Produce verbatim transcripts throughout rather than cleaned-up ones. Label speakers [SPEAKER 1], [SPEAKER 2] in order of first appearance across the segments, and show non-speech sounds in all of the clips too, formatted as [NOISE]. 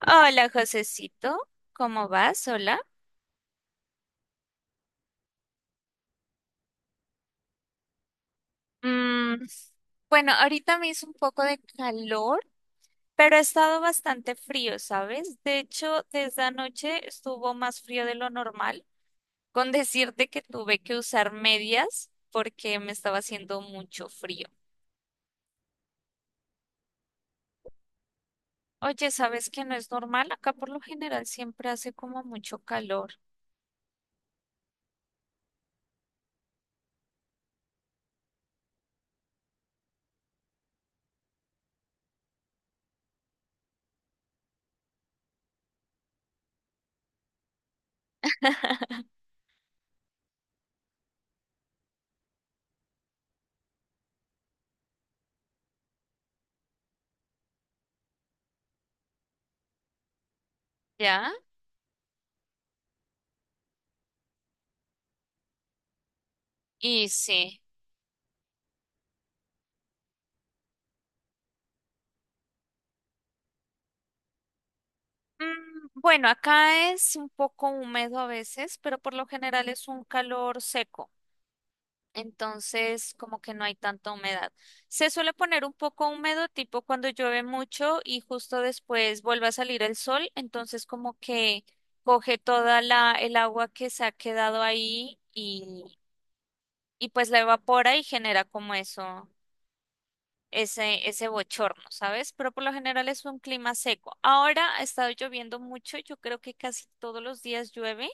[SPEAKER 1] Hola, Josecito, ¿cómo vas? Hola. Mm, bueno, ahorita me hizo un poco de calor, pero ha estado bastante frío, ¿sabes? De hecho, desde anoche estuvo más frío de lo normal, con decirte que tuve que usar medias porque me estaba haciendo mucho frío. Oye, ¿sabes que no es normal? Acá por lo general siempre hace como mucho calor. [LAUGHS] ¿Ya? Y sí. Mm, Bueno, acá es un poco húmedo a veces, pero por lo general es un calor seco, entonces como que no hay tanta humedad. Se suele poner un poco húmedo, tipo cuando llueve mucho y justo después vuelve a salir el sol, entonces como que coge toda la, el agua que se ha quedado ahí y, y pues la evapora y genera como eso, ese, ese bochorno, ¿sabes? Pero por lo general es un clima seco. Ahora ha estado lloviendo mucho, yo creo que casi todos los días llueve.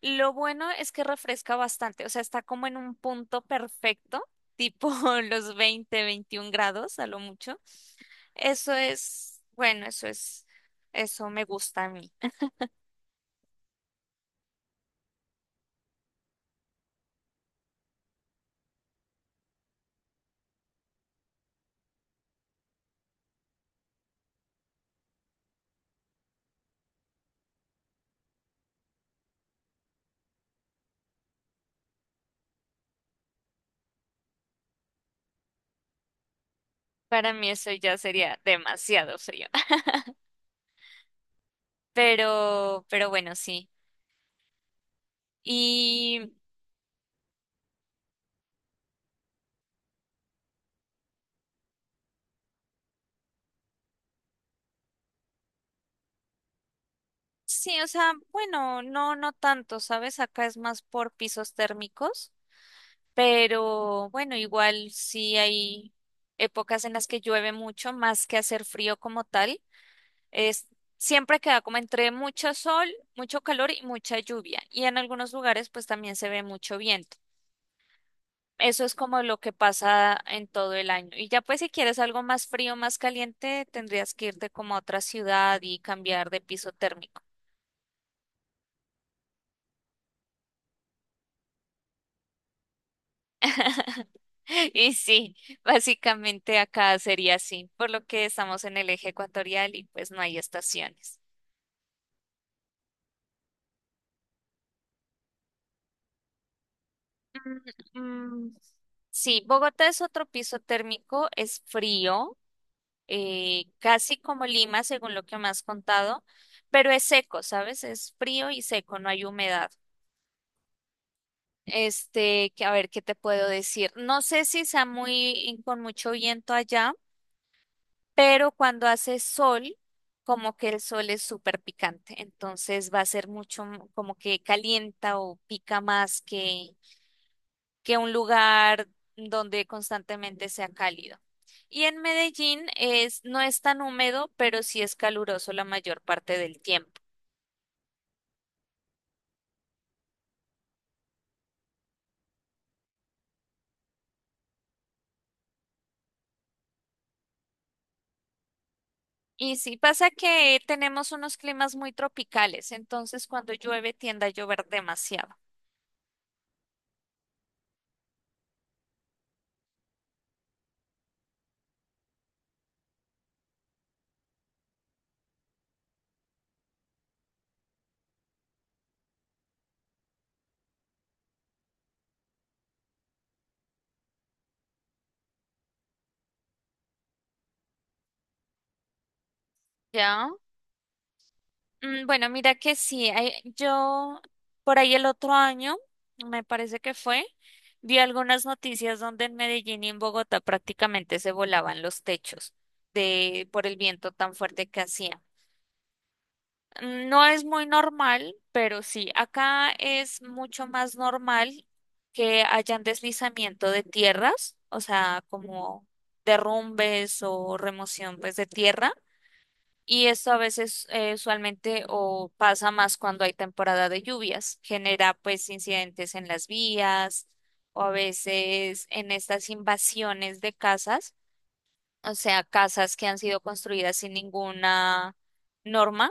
[SPEAKER 1] Lo bueno es que refresca bastante, o sea, está como en un punto perfecto, tipo [LAUGHS] los veinte veintiún grados a lo mucho. Eso es, bueno, eso es, eso me gusta a mí. [LAUGHS] Para mí eso ya sería demasiado frío. [LAUGHS] Pero, pero bueno, sí. Y sí, o sea, bueno, no, no tanto, ¿sabes? Acá es más por pisos térmicos, pero bueno, igual sí hay épocas en las que llueve mucho, más que hacer frío como tal. Es, siempre queda como entre mucho sol, mucho calor y mucha lluvia. Y en algunos lugares pues también se ve mucho viento. Eso es como lo que pasa en todo el año. Y ya pues si quieres algo más frío, más caliente, tendrías que irte como a otra ciudad y cambiar de piso térmico. [LAUGHS] Y sí, básicamente acá sería así, por lo que estamos en el eje ecuatorial y pues no hay estaciones. Mm, mm, Sí, Bogotá es otro piso térmico, es frío, eh, casi como Lima, según lo que me has contado, pero es seco, ¿sabes? Es frío y seco, no hay humedad. Este, que a ver, ¿qué te puedo decir? No sé si sea muy con mucho viento allá, pero cuando hace sol, como que el sol es súper picante, entonces va a ser mucho m- como que calienta o pica más que, que un lugar donde constantemente sea cálido. Y en Medellín es, no es tan húmedo, pero sí es caluroso la mayor parte del tiempo. Y sí pasa que tenemos unos climas muy tropicales, entonces cuando llueve tiende a llover demasiado. ¿Ya? Mm, Bueno, mira que sí, ahí- yo por ahí el otro año, me parece que fue, vi algunas noticias donde en Medellín y en Bogotá prácticamente se volaban los techos de por el viento tan fuerte que hacía. Mm, No es muy normal, pero sí, acá es mucho más normal que hayan deslizamiento de tierras, o sea, como derrumbes o remoción pues de tierra y esto a veces eh, usualmente o pasa más cuando hay temporada de lluvias, genera pues incidentes en las vías o a veces en estas invasiones de casas, o sea, casas que han sido construidas sin ninguna norma,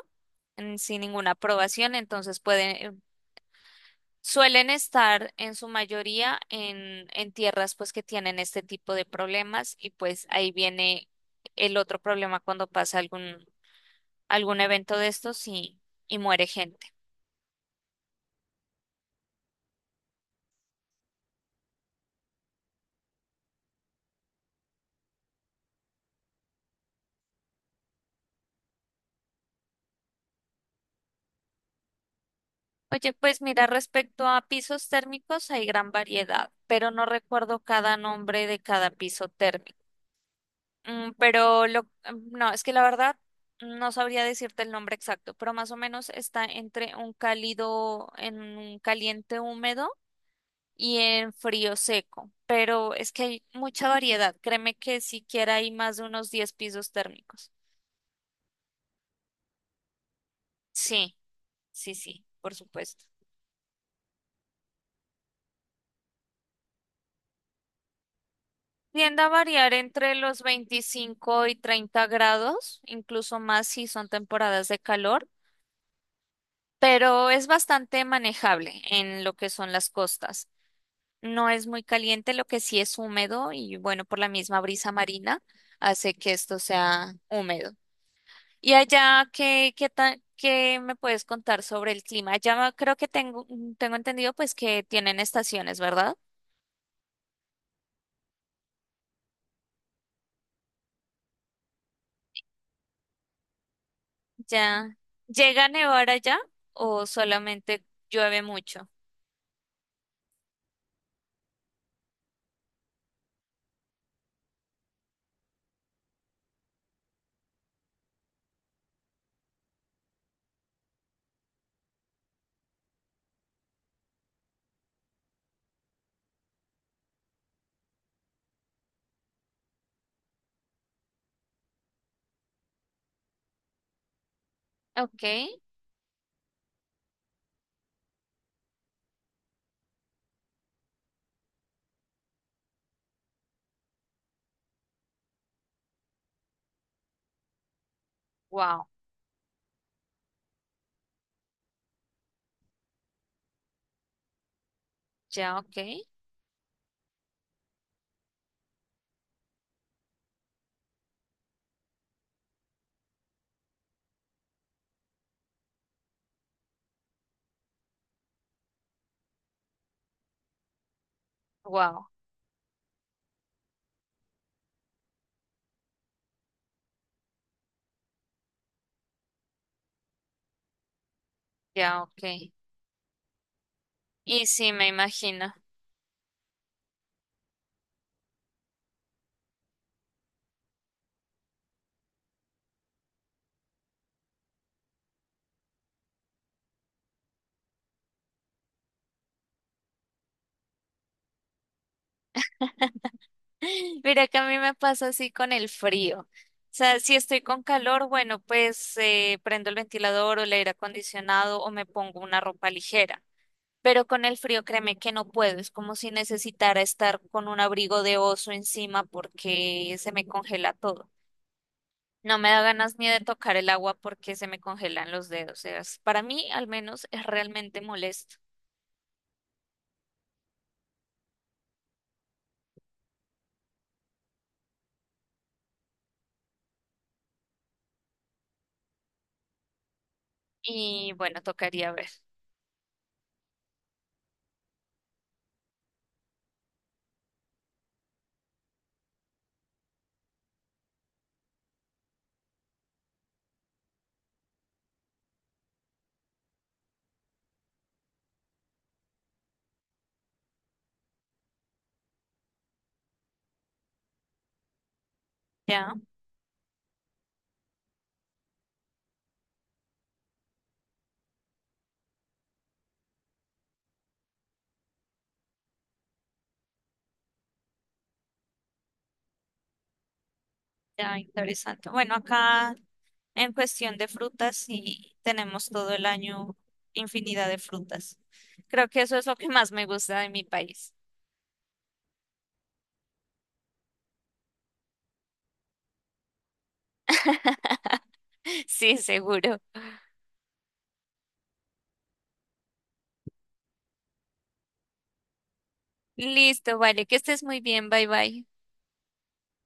[SPEAKER 1] mm, sin ninguna aprobación, entonces pueden, suelen estar en su mayoría en, en tierras pues que tienen este tipo de problemas y pues ahí viene el otro problema cuando pasa algún algún evento de estos y, y muere gente. Oye, pues mira, respecto a pisos térmicos hay gran variedad, pero no recuerdo cada nombre de cada piso térmico. Mm, pero lo, mm, no, es que la verdad no sabría decirte el nombre exacto, pero más o menos está entre un cálido, en un caliente húmedo y en frío seco. Pero es que hay mucha variedad. Créeme que siquiera hay más de unos diez pisos térmicos. Sí, sí, sí, por supuesto. Tiende a variar entre los veinticinco y treinta grados, incluso más si son temporadas de calor, pero es bastante manejable en lo que son las costas. No es muy caliente, lo que sí es húmedo y bueno, por la misma brisa marina hace que esto sea húmedo. ¿Y allá qué, qué tan- qué me puedes contar sobre el clima? Ya creo que tengo, tengo entendido pues que tienen estaciones, ¿verdad? Ya. ¿Llega a nevar allá o solamente llueve mucho? Ok, wow, ya ok, wow, ya ok. Y sí, me imagino. [LAUGHS] Mira que a mí me pasa así con el frío. O sea, si estoy con calor, bueno, pues eh, prendo el ventilador o el aire acondicionado o me pongo una ropa ligera. Pero con el frío, créeme que no puedo. Es como si necesitara estar con un abrigo de oso encima porque se me congela todo. No me da ganas ni de tocar el agua porque se me congelan los dedos. Es- para mí, al menos, es realmente molesto. Y bueno, tocaría ver. Ya, ya, interesante. Bueno, acá en cuestión de frutas, sí tenemos todo el año infinidad de frutas. Creo que eso es lo que más me gusta de mi país. [LAUGHS] Sí, seguro. Listo, vale, que estés muy bien. Bye bye.